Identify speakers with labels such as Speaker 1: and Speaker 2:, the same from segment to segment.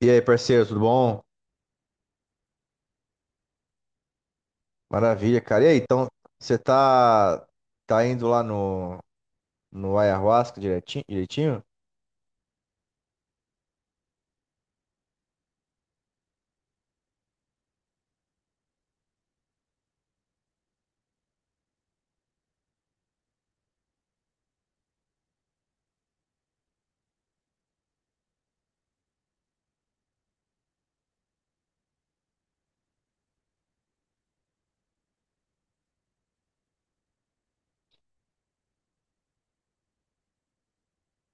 Speaker 1: E aí, parceiro, tudo bom? Maravilha, cara. E aí, então, você tá, tá indo lá no Ayahuasca direitinho, direitinho?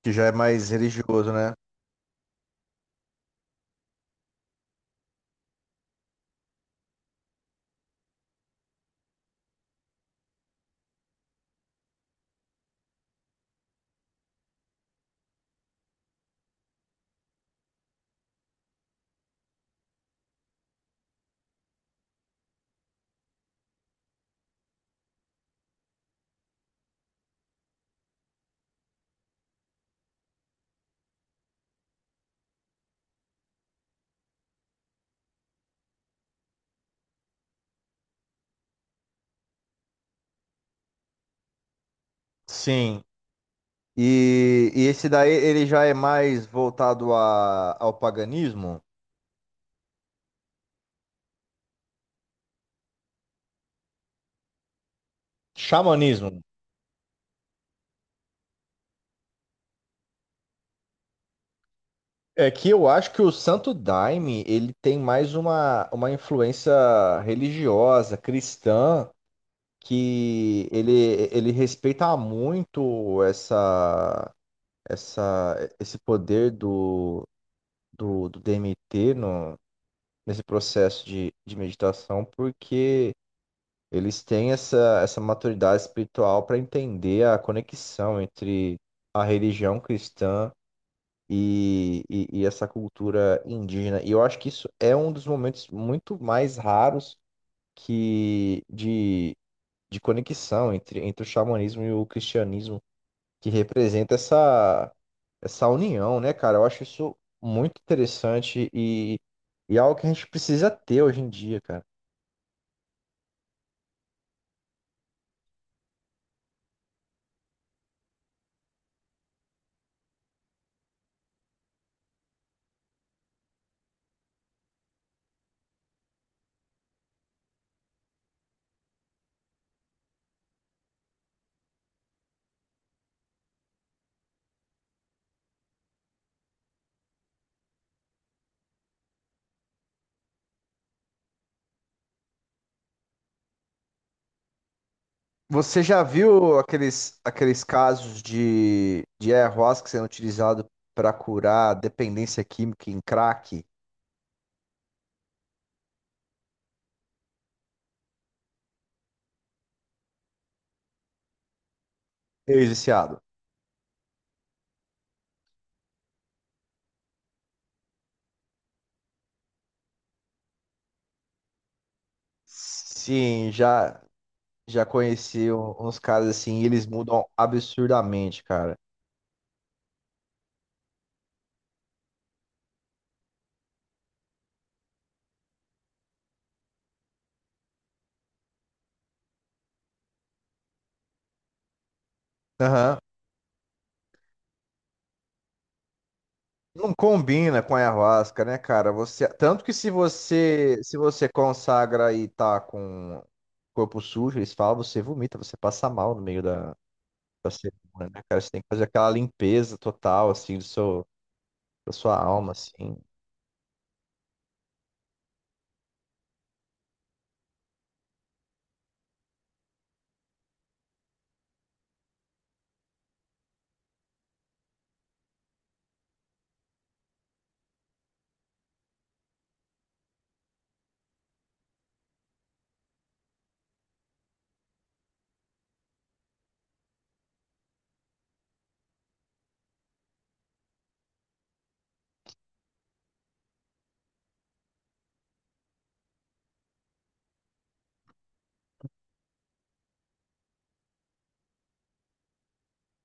Speaker 1: Que já é mais religioso, né? Sim. E esse daí, ele já é mais voltado ao paganismo? Xamanismo. É que eu acho que o Santo Daime, ele tem mais uma influência religiosa, cristã, que ele respeita muito essa essa, esse poder do DMT no, nesse processo de meditação, porque eles têm essa, essa maturidade espiritual para entender a conexão entre a religião cristã e essa cultura indígena. E eu acho que isso é um dos momentos muito mais raros que de, de conexão entre o xamanismo e o cristianismo que representa essa, essa união, né, cara? Eu acho isso muito interessante e algo que a gente precisa ter hoje em dia, cara. Você já viu aqueles, aqueles casos de ayahuasca sendo utilizado para curar dependência química em crack? Ex-viciado. Sim, já, já conheci uns caras assim, e eles mudam absurdamente, cara. Aham. Não combina com a ayahuasca, né, cara? Você, tanto que se você consagra e tá com corpo sujo, eles falam, você vomita, você passa mal no meio da cerimônia, né, cara? Você tem que fazer aquela limpeza total, assim, do seu, da sua alma, assim.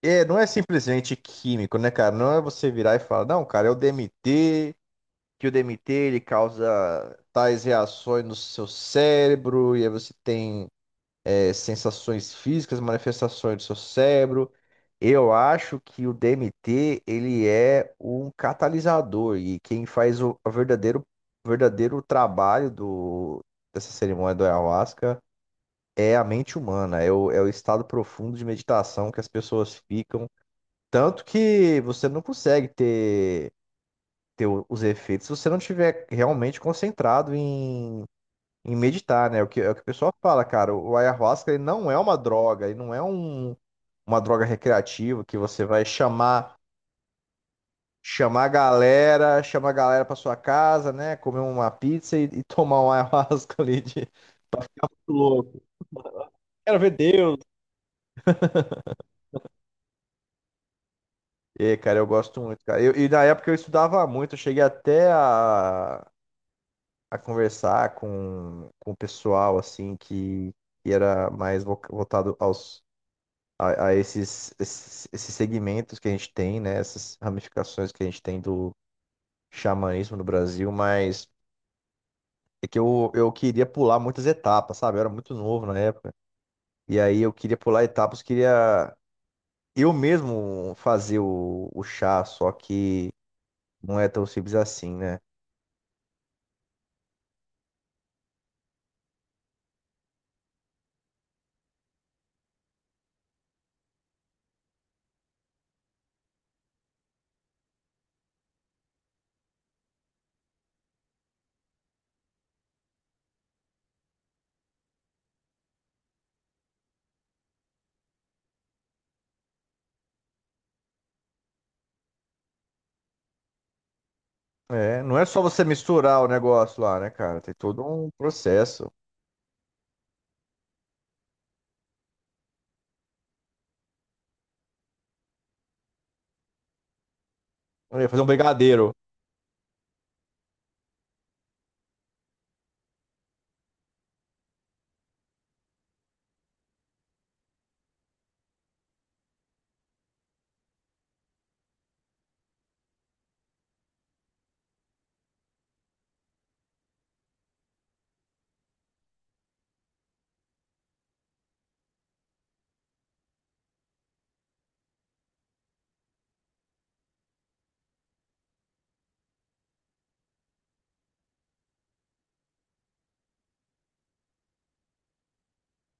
Speaker 1: É, não é simplesmente químico, né, cara? Não é você virar e falar, não, cara, é o DMT, que o DMT ele causa tais reações no seu cérebro, e aí você tem sensações físicas, manifestações do seu cérebro. Eu acho que o DMT ele é um catalisador e quem faz o verdadeiro, verdadeiro trabalho do, dessa cerimônia do ayahuasca é a mente humana, é o estado profundo de meditação que as pessoas ficam. Tanto que você não consegue ter, os efeitos se você não estiver realmente concentrado em meditar, né? O que, é o que o pessoal fala, cara. O ayahuasca ele não é uma droga, ele não é uma droga recreativa que você vai chamar a galera pra sua casa, né? Comer uma pizza e tomar um ayahuasca ali de louco. Quero ver Deus. É, cara, eu gosto muito, cara. E na época eu estudava muito, eu cheguei até a conversar com o pessoal, assim, que era mais voltado aos a esses, esses, esses segmentos que a gente tem, né? Essas ramificações que a gente tem do xamanismo no Brasil, mas é que eu queria pular muitas etapas, sabe? Eu era muito novo na época. E aí eu queria pular etapas, queria eu mesmo fazer o chá, só que não é tão simples assim, né? É, não é só você misturar o negócio lá, né, cara? Tem todo um processo. Eu ia fazer um brigadeiro.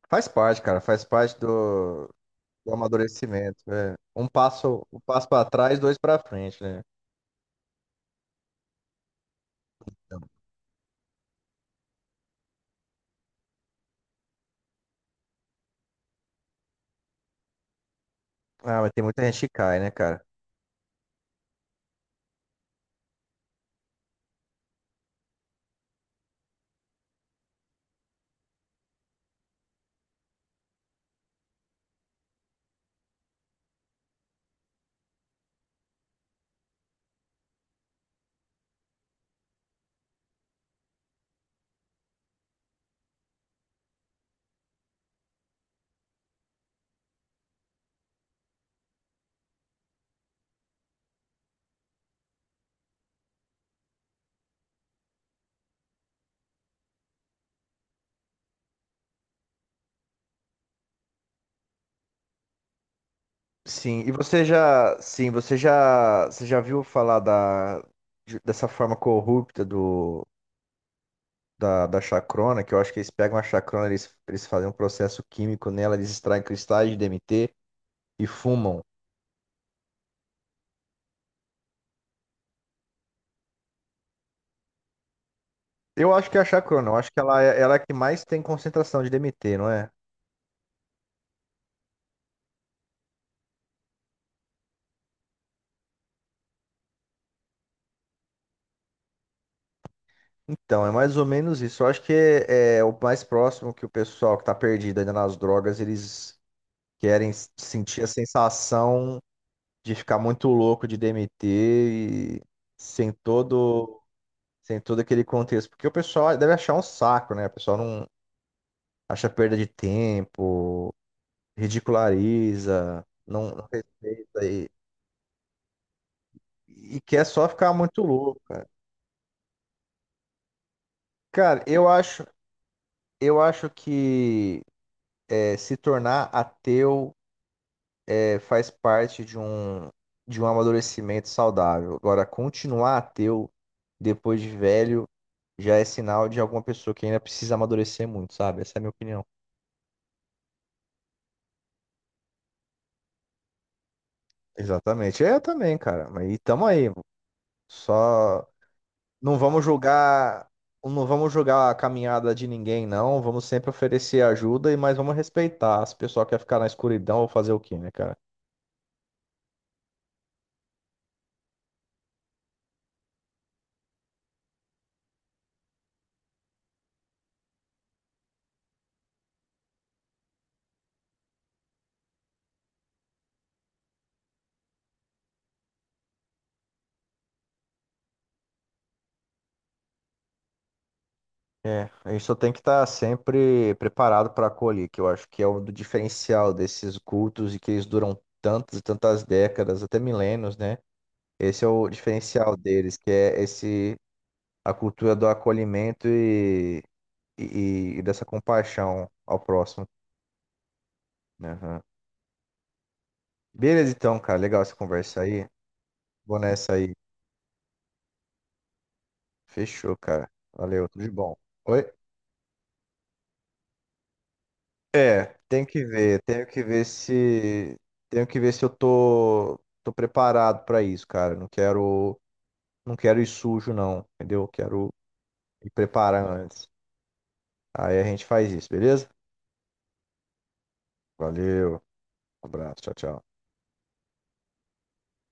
Speaker 1: Faz parte, cara. Faz parte do, do amadurecimento. É. Um passo para trás, dois para frente, né? Ah, mas tem muita gente que cai, né, cara? Sim, e você já, sim, você já viu falar dessa forma corrupta do, da chacrona, que eu acho que eles pegam a chacrona, eles fazem um processo químico nela, eles extraem cristais de DMT e fumam. Eu acho que é a chacrona, eu acho que ela é a que mais tem concentração de DMT, não é? Então, é mais ou menos isso. Eu acho que é o mais próximo que o pessoal que está perdido ainda nas drogas, eles querem sentir a sensação de ficar muito louco de DMT e sem todo, sem todo aquele contexto. Porque o pessoal deve achar um saco, né? O pessoal não acha perda de tempo, ridiculariza, não, não respeita e quer só ficar muito louco. Cara, eu acho que se tornar ateu é, faz parte de um amadurecimento saudável. Agora, continuar ateu depois de velho já é sinal de alguma pessoa que ainda precisa amadurecer muito, sabe? Essa é a minha opinião. Exatamente. Eu também, cara. Mas e tamo aí. Só não vamos julgar, não vamos julgar a caminhada de ninguém, não. Vamos sempre oferecer ajuda e mas vamos respeitar. Se o pessoal quer ficar na escuridão, vou fazer o quê, né, cara? É, a gente só tem que estar sempre preparado para acolher, que eu acho que é o do diferencial desses cultos e que eles duram tantas e tantas décadas, até milênios, né? Esse é o diferencial deles, que é esse a cultura do acolhimento e dessa compaixão ao próximo. Né? Aham. Beleza, então, cara, legal essa conversa aí. Vou nessa aí. Fechou, cara. Valeu, tudo de bom. Oi? É, tem que ver, tenho que ver se eu tô tô preparado pra isso, cara. Não quero ir sujo não, entendeu? Quero me preparar antes. Aí a gente faz isso, beleza? Valeu, abraço, tchau, tchau.